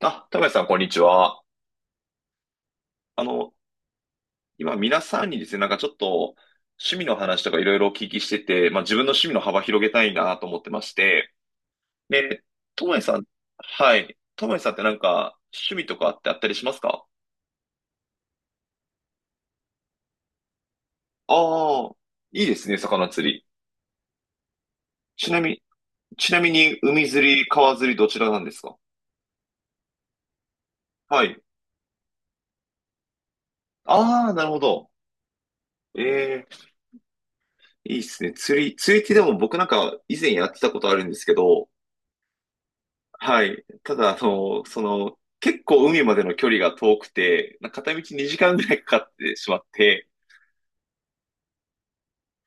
あ、高橋さん、こんにちは。あの、今、皆さんにですね、なんかちょっと、趣味の話とかいろいろお聞きしてて、まあ、自分の趣味の幅広げたいなと思ってまして、で、ともやさん、はい。ともやさんってなんか、趣味とかってあったりしますか？ああー、いいですね、魚釣り。ちなみ、ちなみに、海釣り、川釣り、どちらなんですか？はい。ああ、なるほど。ええ、いいですね。釣りってでも僕なんか以前やってたことあるんですけど、はい。ただ、結構海までの距離が遠くて、片道2時間ぐらいかかってしまって、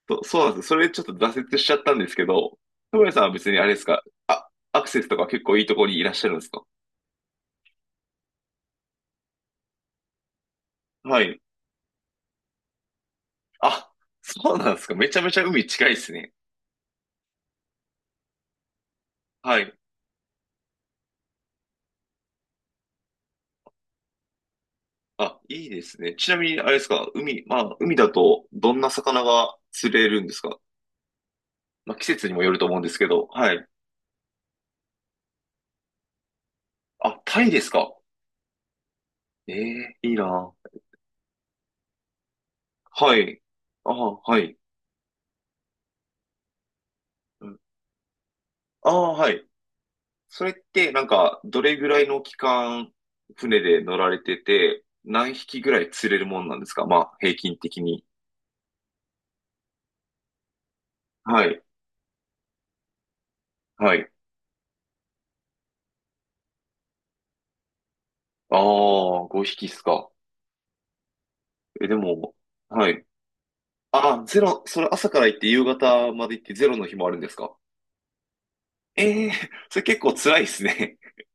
そうなんです。それちょっと挫折しちゃったんですけど、田村さんは別にあれですか、アクセスとか結構いいところにいらっしゃるんですか？はい。あ、そうなんですか。めちゃめちゃ海近いですね。はい。あ、いいですね。ちなみに、あれですか、海、まあ、海だとどんな魚が釣れるんですか？まあ、季節にもよると思うんですけど、はい。あ、タイですか。ええ、いいな。はい。ああ、はい。うん。ああ、はい。それって、なんか、どれぐらいの期間、船で乗られてて、何匹ぐらい釣れるもんなんですか？まあ、平均的に。はい。はい。ああ、5匹っすか。え、でも、はい。ああ、ゼロ、それ朝から行って夕方まで行ってゼロの日もあるんですか？ええー、それ結構辛いですね。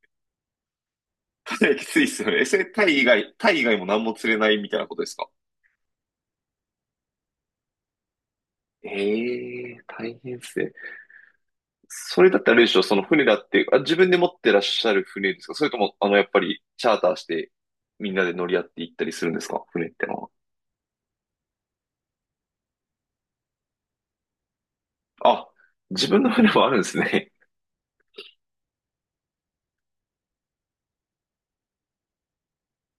かなりきついっすよね。それタイ以外も何も釣れないみたいなことですか？ええー、大変っすね。それだったらあれでしょ、その船だって、あ、自分で持ってらっしゃる船ですか？それとも、やっぱり、チャーターして、みんなで乗り合って行ったりするんですか？船ってのは。あ、自分の船もあるんですね。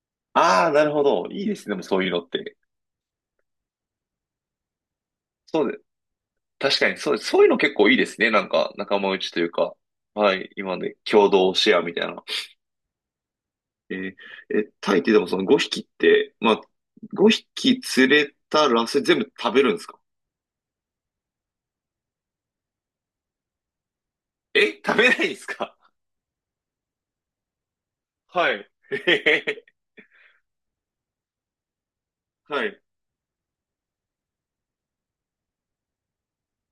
ああ、なるほど。いいですね、でもそういうのって。そうで、確かに、そういうの結構いいですね。なんか、仲間内というか。はい、今ね、共同シェアみたいな。えーえ、タイってでもその5匹って、まあ、5匹釣れたら、それ全部食べるんですか？え、食べないんですか？はい。はい。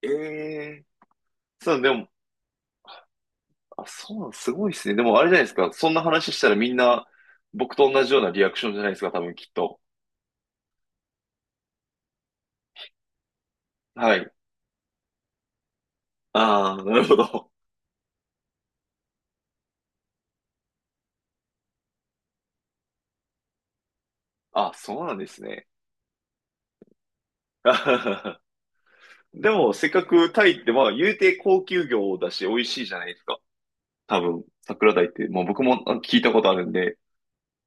ええ、そう、でも、あ、そうなん、すごいですね。でもあれじゃないですか。そんな話したらみんな僕と同じようなリアクションじゃないですか、多分きっと。はい。ああ、なるほど。あ、そうなんですね。あはは。でも、せっかくタイって、まあ、言うて高級魚だし、美味しいじゃないですか。多分、桜鯛って、まあ僕も聞いたことあるんで、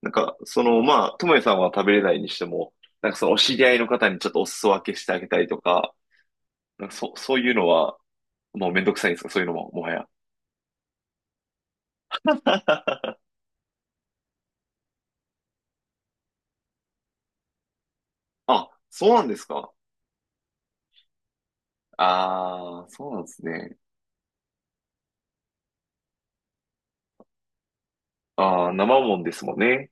なんか、まあ、ともえさんは食べれないにしても、なんかそのお知り合いの方にちょっとお裾分けしてあげたりとか、なんかそういうのは、もうめんどくさいんですか、そういうのも、もはや。あ、そうなんですか。ああ、そうなんですね。ああ、生もんですもんね。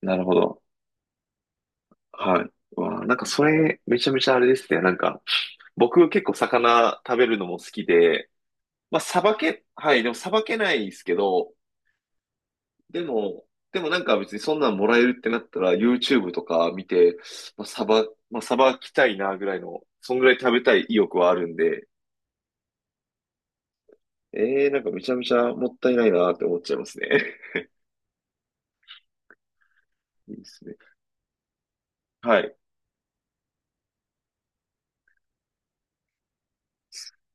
なるほど。はい。わあ、なんかそれ、めちゃめちゃあれですね。なんか、僕結構魚食べるのも好きで、まあ、さばけ、はい、でもさばけないですけど、でも、なんか別にそんなんもらえるってなったら、YouTube とか見て、まあ、さばきたいなぐらいの、そんぐらい食べたい意欲はあるんで、ええー、なんかめちゃめちゃもったいないなって思っちゃいますね。いいですね。はい。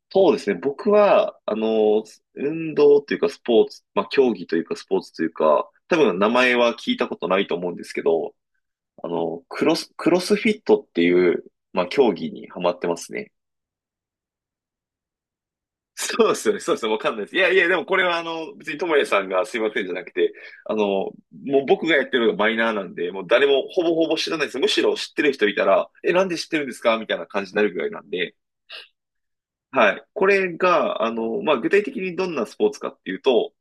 そうですね。僕は、運動というかスポーツ、まあ、競技というかスポーツというか、多分名前は聞いたことないと思うんですけど、クロスフィットっていう、まあ、競技にハマってますね。そうですよね。そうですよね。わかんないです。いやいや、でもこれは別にともやさんがすいませんじゃなくて、もう僕がやってるのがマイナーなんで、もう誰もほぼほぼ知らないです。むしろ知ってる人いたら、え、なんで知ってるんですかみたいな感じになるぐらいなんで、はい。これが、まあ、具体的にどんなスポーツかっていうと、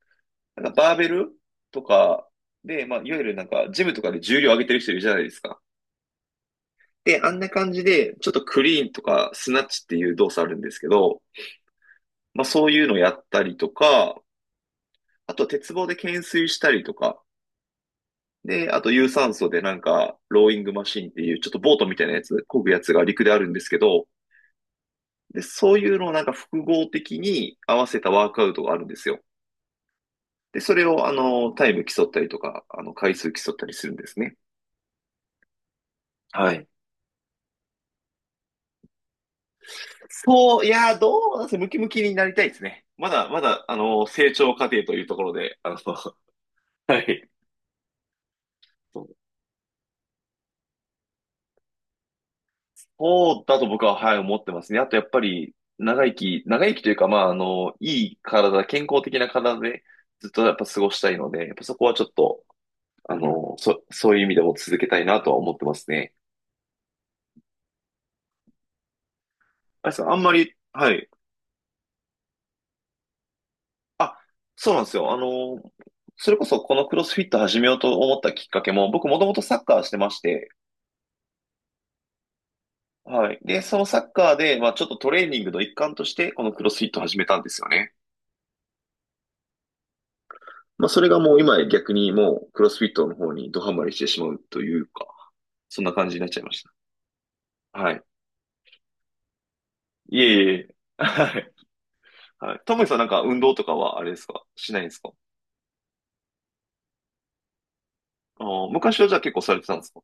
なんかバーベルとかで、まあ、いわゆるなんか、ジムとかで重量上げてる人いるじゃないですか。で、あんな感じで、ちょっとクリーンとかスナッチっていう動作あるんですけど、まあ、そういうのやったりとか、あと鉄棒で懸垂したりとか、で、あと有酸素でなんか、ローイングマシンっていう、ちょっとボートみたいなやつ、漕ぐやつが陸であるんですけど、で、そういうのをなんか複合的に合わせたワークアウトがあるんですよ。で、それをタイム競ったりとか、回数競ったりするんですね。はい。そう、いやー、どうなんですかね？ムキムキになりたいですね。まだ、成長過程というところで、はい。そうそうだと僕は、はい、思ってますね。あと、やっぱり、長生きというか、まあ、いい体、健康的な体で、ずっとやっぱ過ごしたいので、やっぱそこはちょっと、そういう意味でも続けたいなとは思ってますね。あれさん、あんまり、はい。あ、そうなんですよ。それこそこのクロスフィット始めようと思ったきっかけも、僕もともとサッカーしてまして、はい。で、そのサッカーで、まあ、ちょっとトレーニングの一環として、このクロスフィットを始めたんですよね。まあ、それがもう今や逆にもう、クロスフィットの方にドハマりしてしまうというか、そんな感じになっちゃいました。はい。いえいえいえ。はい。はい。トムさんなんか運動とかはあれですか？しないんですか？あー、昔はじゃあ結構されてたんですか？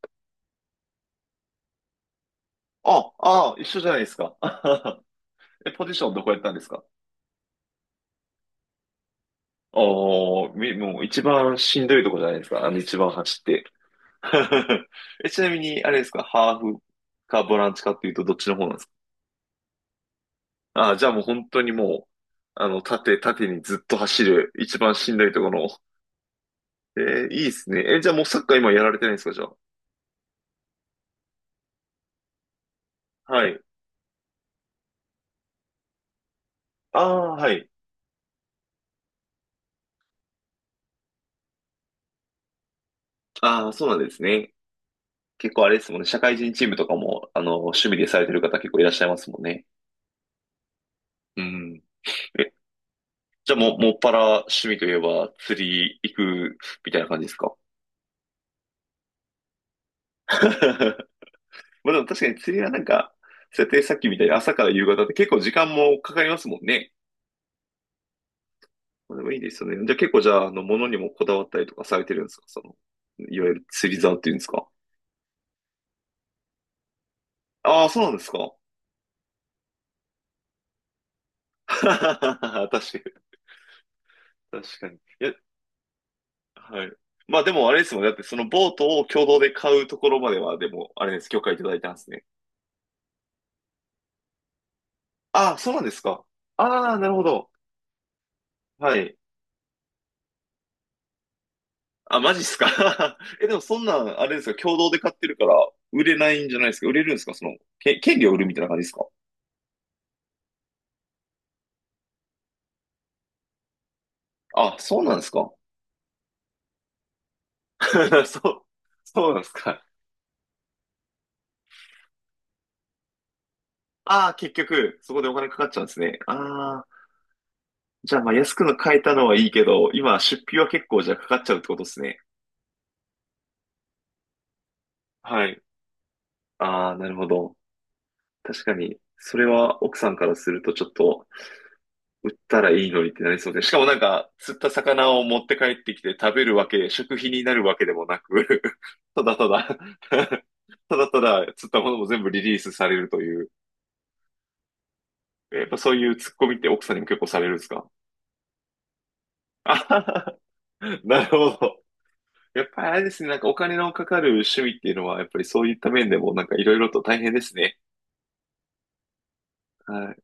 あ、あー、一緒じゃないですか。え、ポジションどこやったんですか？ああー、もう一番しんどいとこじゃないですか。あの一番走って。 え、ちなみに、あれですか、ハーフかボランチかっていうとどっちの方なんですか？ああ、じゃあもう本当にもう、縦にずっと走る、一番しんどいところの。えー、いいっすね。え、じゃあもうサッカー今やられてないんですか、じゃあ。はい。ああ、はい。ああ、そうなんですね。結構あれですもんね。社会人チームとかも、趣味でされてる方結構いらっしゃいますもんね。うん。え、じゃあもう、もっぱら趣味といえば釣り行くみたいな感じですか？ まあでも確かに釣りはなんか、設定さっきみたいに朝から夕方って結構時間もかかりますもんね。まあ、でもいいですよね。じゃあ結構じゃあ、物にもこだわったりとかされてるんですか？その、いわゆる釣り竿っていうんですか？ああ、そうなんですか？ 確かに、確かに。いや、はい。まあでもあれですもんね。だってそのボートを共同で買うところまでは、でも、あれです。許可いただいたんですね。ああ、そうなんですか。ああ、なるほど。はい。あ、マジっすか？ え、でもそんなん、あれですか、共同で買ってるから、売れないんじゃないですか？売れるんですか？権利を売るみたいな感じですか？あ、そうなんですか？ そう、そうなんですか。ああ、結局、そこでお金かかっちゃうんですね。ああ、じゃあ、まあ、安くの買えたのはいいけど、今、出費は結構じゃあかかっちゃうってことですね。はい。ああ、なるほど。確かに、それは奥さんからするとちょっと、売ったらいいのにってなりそうで。しかもなんか、釣った魚を持って帰ってきて食べるわけ、食費になるわけでもなく、ただただ ただただ釣ったものも全部リリースされるという。やっぱそういうツッコミって奥さんにも結構されるんですか？あははは なるほど。やっぱりあれですね、なんかお金のかかる趣味っていうのは、やっぱりそういった面でもなんかいろいろと大変ですね。はい